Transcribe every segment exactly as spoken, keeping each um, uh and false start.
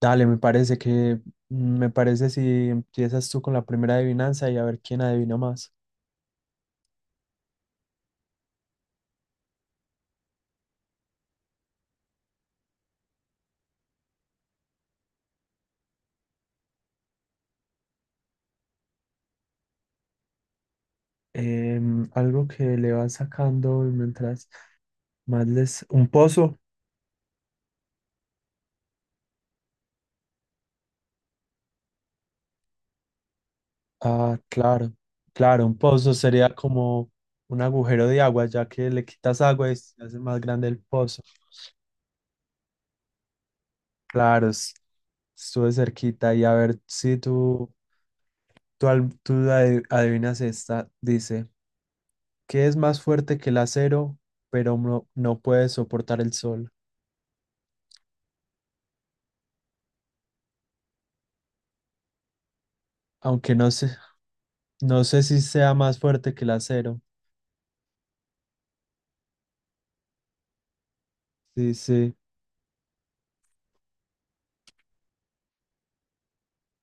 Dale, me parece que, me parece si empiezas tú con la primera adivinanza y a ver quién adivina más. Em, algo que le vas sacando mientras más les... ¿Un pozo? Ah, claro, claro, un pozo sería como un agujero de agua, ya que le quitas agua y se hace más grande el pozo. Claro, es- estuve cerquita y a ver si tú, tú, al- tú adi- adivinas esta. Dice, ¿qué es más fuerte que el acero, pero no no puede soportar el sol? Aunque no sé, no sé si sea más fuerte que el acero. Sí, sí.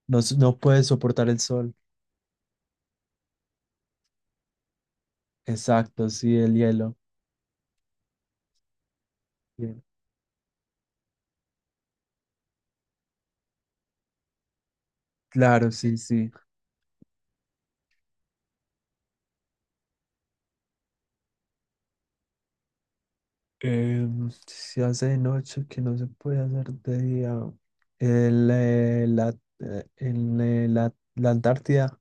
No, s- no puede soportar el sol. Exacto, sí, el hielo. Bien. Claro, sí, sí. Em, se hace de noche que no se puede hacer de día. El, eh, la, eh, en, eh, la, la Antártida,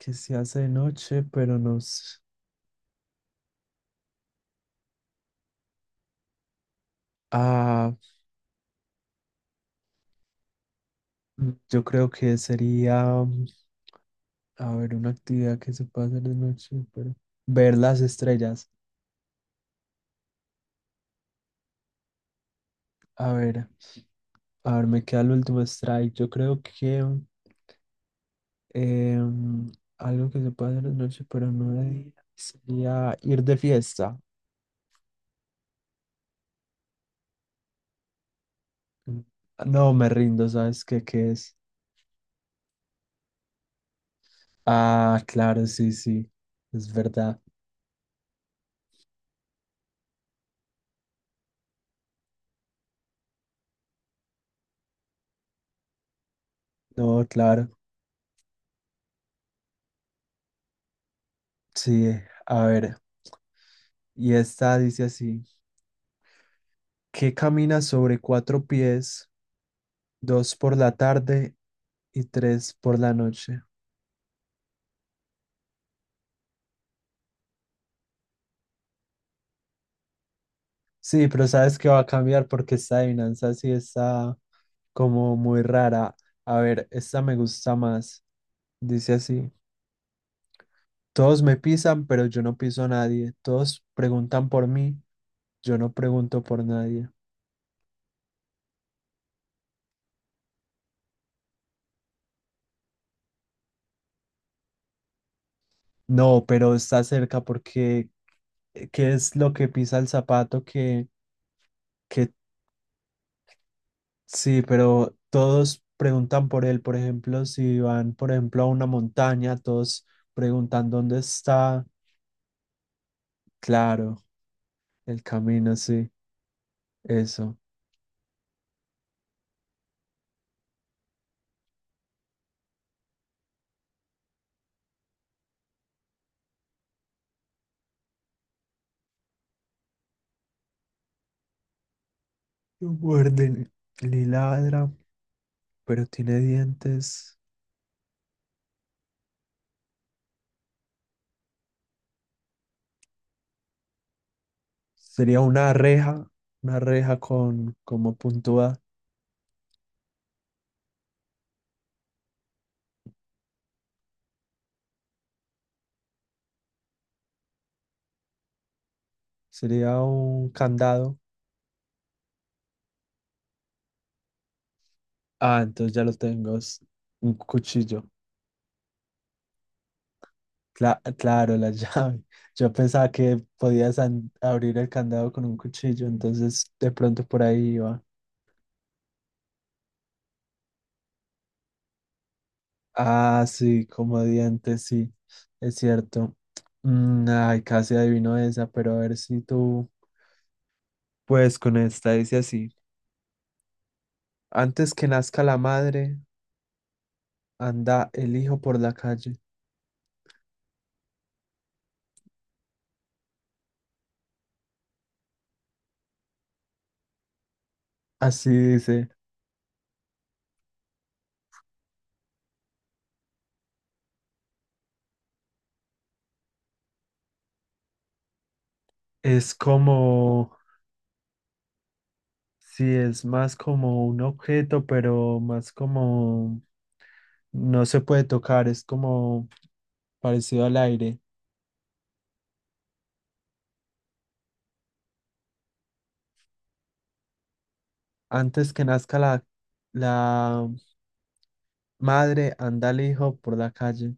que se hace de noche, pero no s- Ah, mm, yo creo que sería, mm, a ver, una actividad que se puede hacer de noche, pero ver las estrellas. A ver. A ver, me queda el último strike. Yo creo que em, algo que se puede hacer de noche, pero no de día, sería ir de fiesta. Mm, no, me rindo, ¿sabes qué, qué es? Ah, claro, sí, sí, es verdad. No, claro, sí. A ver, y esta dice así, que camina sobre cuatro pies, dos por la tarde y tres por la noche. Sí, pero sabes que va a cambiar porque esta adivinanza sí está como muy rara. A ver, esta me gusta más. Dice así, todos me pisan, pero yo no piso a nadie. Todos preguntan por mí, yo no pregunto por nadie. No, pero está cerca porque eh, ¿qué es lo que pisa el zapato que que sí, pero todos preguntan por él, por ejemplo, si van, por ejemplo, a una montaña, todos preguntan dónde está, claro, el camino, sí, eso. Lo muerden y ladra, pero tiene dientes. Sería una reja, una reja con como puntúa. Sería un candado. Ah, entonces ya lo tengo. Es un cuchillo. Cla- claro, la llave. Yo pensaba que podías an- abrir el candado con un cuchillo, entonces de pronto por ahí iba. Ah, sí, como dientes, sí, es cierto. Mm, ay, casi adivino esa, pero a ver si tú, pues con esta dice así. Antes que nazca la madre, anda el hijo por la calle. Así dice. Es como, sí, es más como un objeto, pero más como no se puede tocar, es como parecido al aire. Antes que nazca la, la madre, anda el hijo por la calle.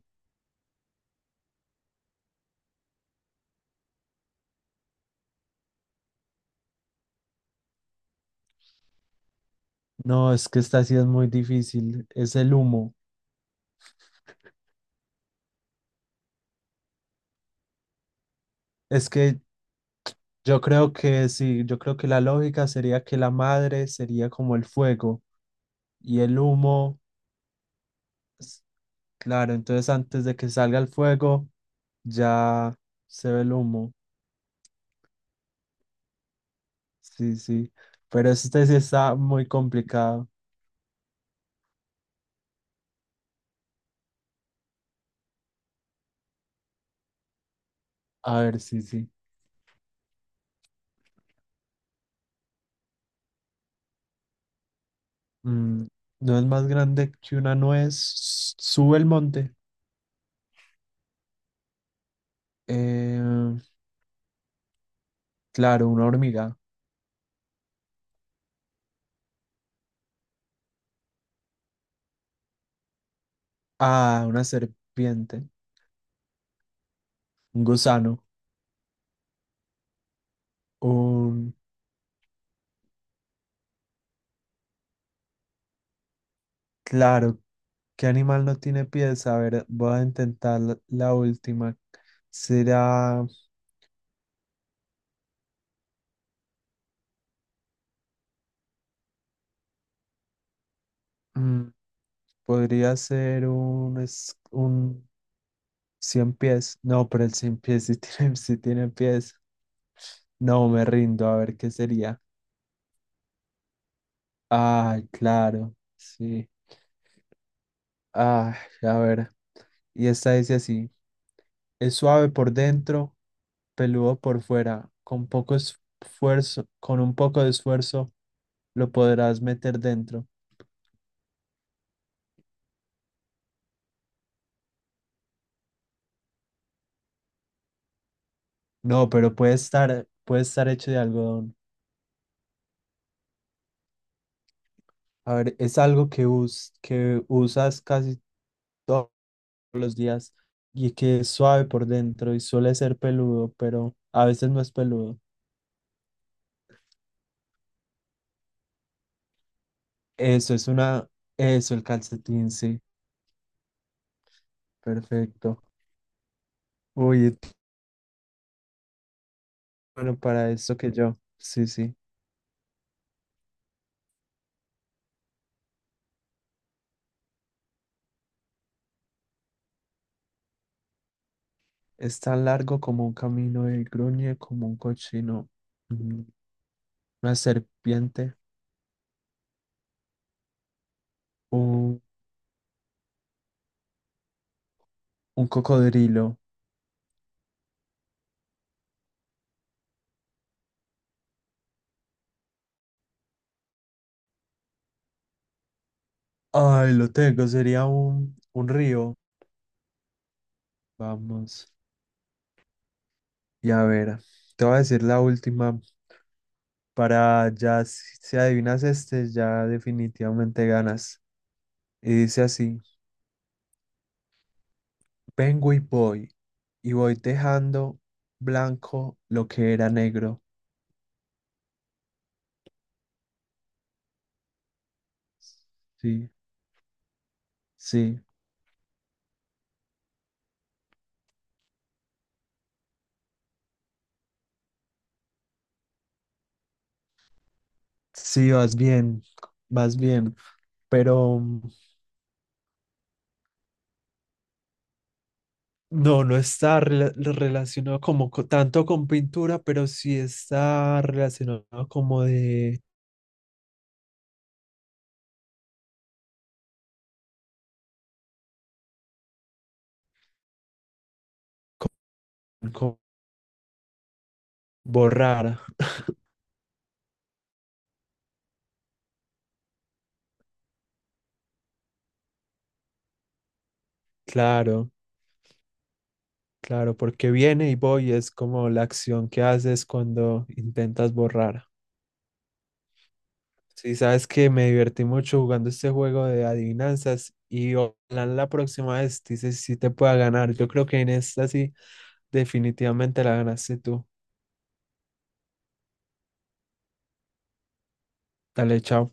No, es que esta sí es muy difícil. Es el humo. Es que yo creo que sí, yo creo que la lógica sería que la madre sería como el fuego y el humo. Claro, entonces antes de que salga el fuego ya se ve el humo. Sí, sí. Pero este sí está muy complicado. A ver, sí, sí. Mm, no es más grande que una nuez. Sube el monte. Eh, claro, una hormiga. Ah, una serpiente. Un gusano. Un... Claro, ¿qué animal no tiene pies? A ver, voy a intentar la, la última. Será... mm, podría ser un, es- un cien pies. No, pero el cien pies sí tiene, sí tiene pies. No, me rindo. A ver qué sería. Ay, claro. Sí. Ay, a ver. Y esta dice así. Es suave por dentro, peludo por fuera. Con poco esfuerzo, con un poco de esfuerzo, lo podrás meter dentro. No, pero puede estar, puede estar hecho de algodón. A ver, es algo que, us- que usas casi todos los días y que es suave por dentro y suele ser peludo, pero a veces no es peludo. Eso es una, eso, el calcetín, sí, perfecto. Uy, t- bueno, para esto que yo, sí, sí. Es tan largo como un camino y gruñe como un cochino, mm, una serpiente, un, un cocodrilo. Ay, lo tengo, sería un, un río. Vamos. Y a ver, te voy a decir la última para ya, si si adivinas este, ya definitivamente ganas. Y dice así, vengo y voy, y voy dejando blanco lo que era negro. Sí, sí, sí, vas bien, vas bien, pero mm, no, no está rela- relacionado como co- tanto con pintura, pero sí está relacionado como de con borrar, claro. Claro, porque viene y voy es como la acción que haces cuando intentas borrar. Sí, sabes que me divertí mucho jugando este juego de adivinanzas y ojalá la próxima vez dices si te pueda ganar. Yo creo que en esta sí definitivamente la ganaste tú. Dale, chao.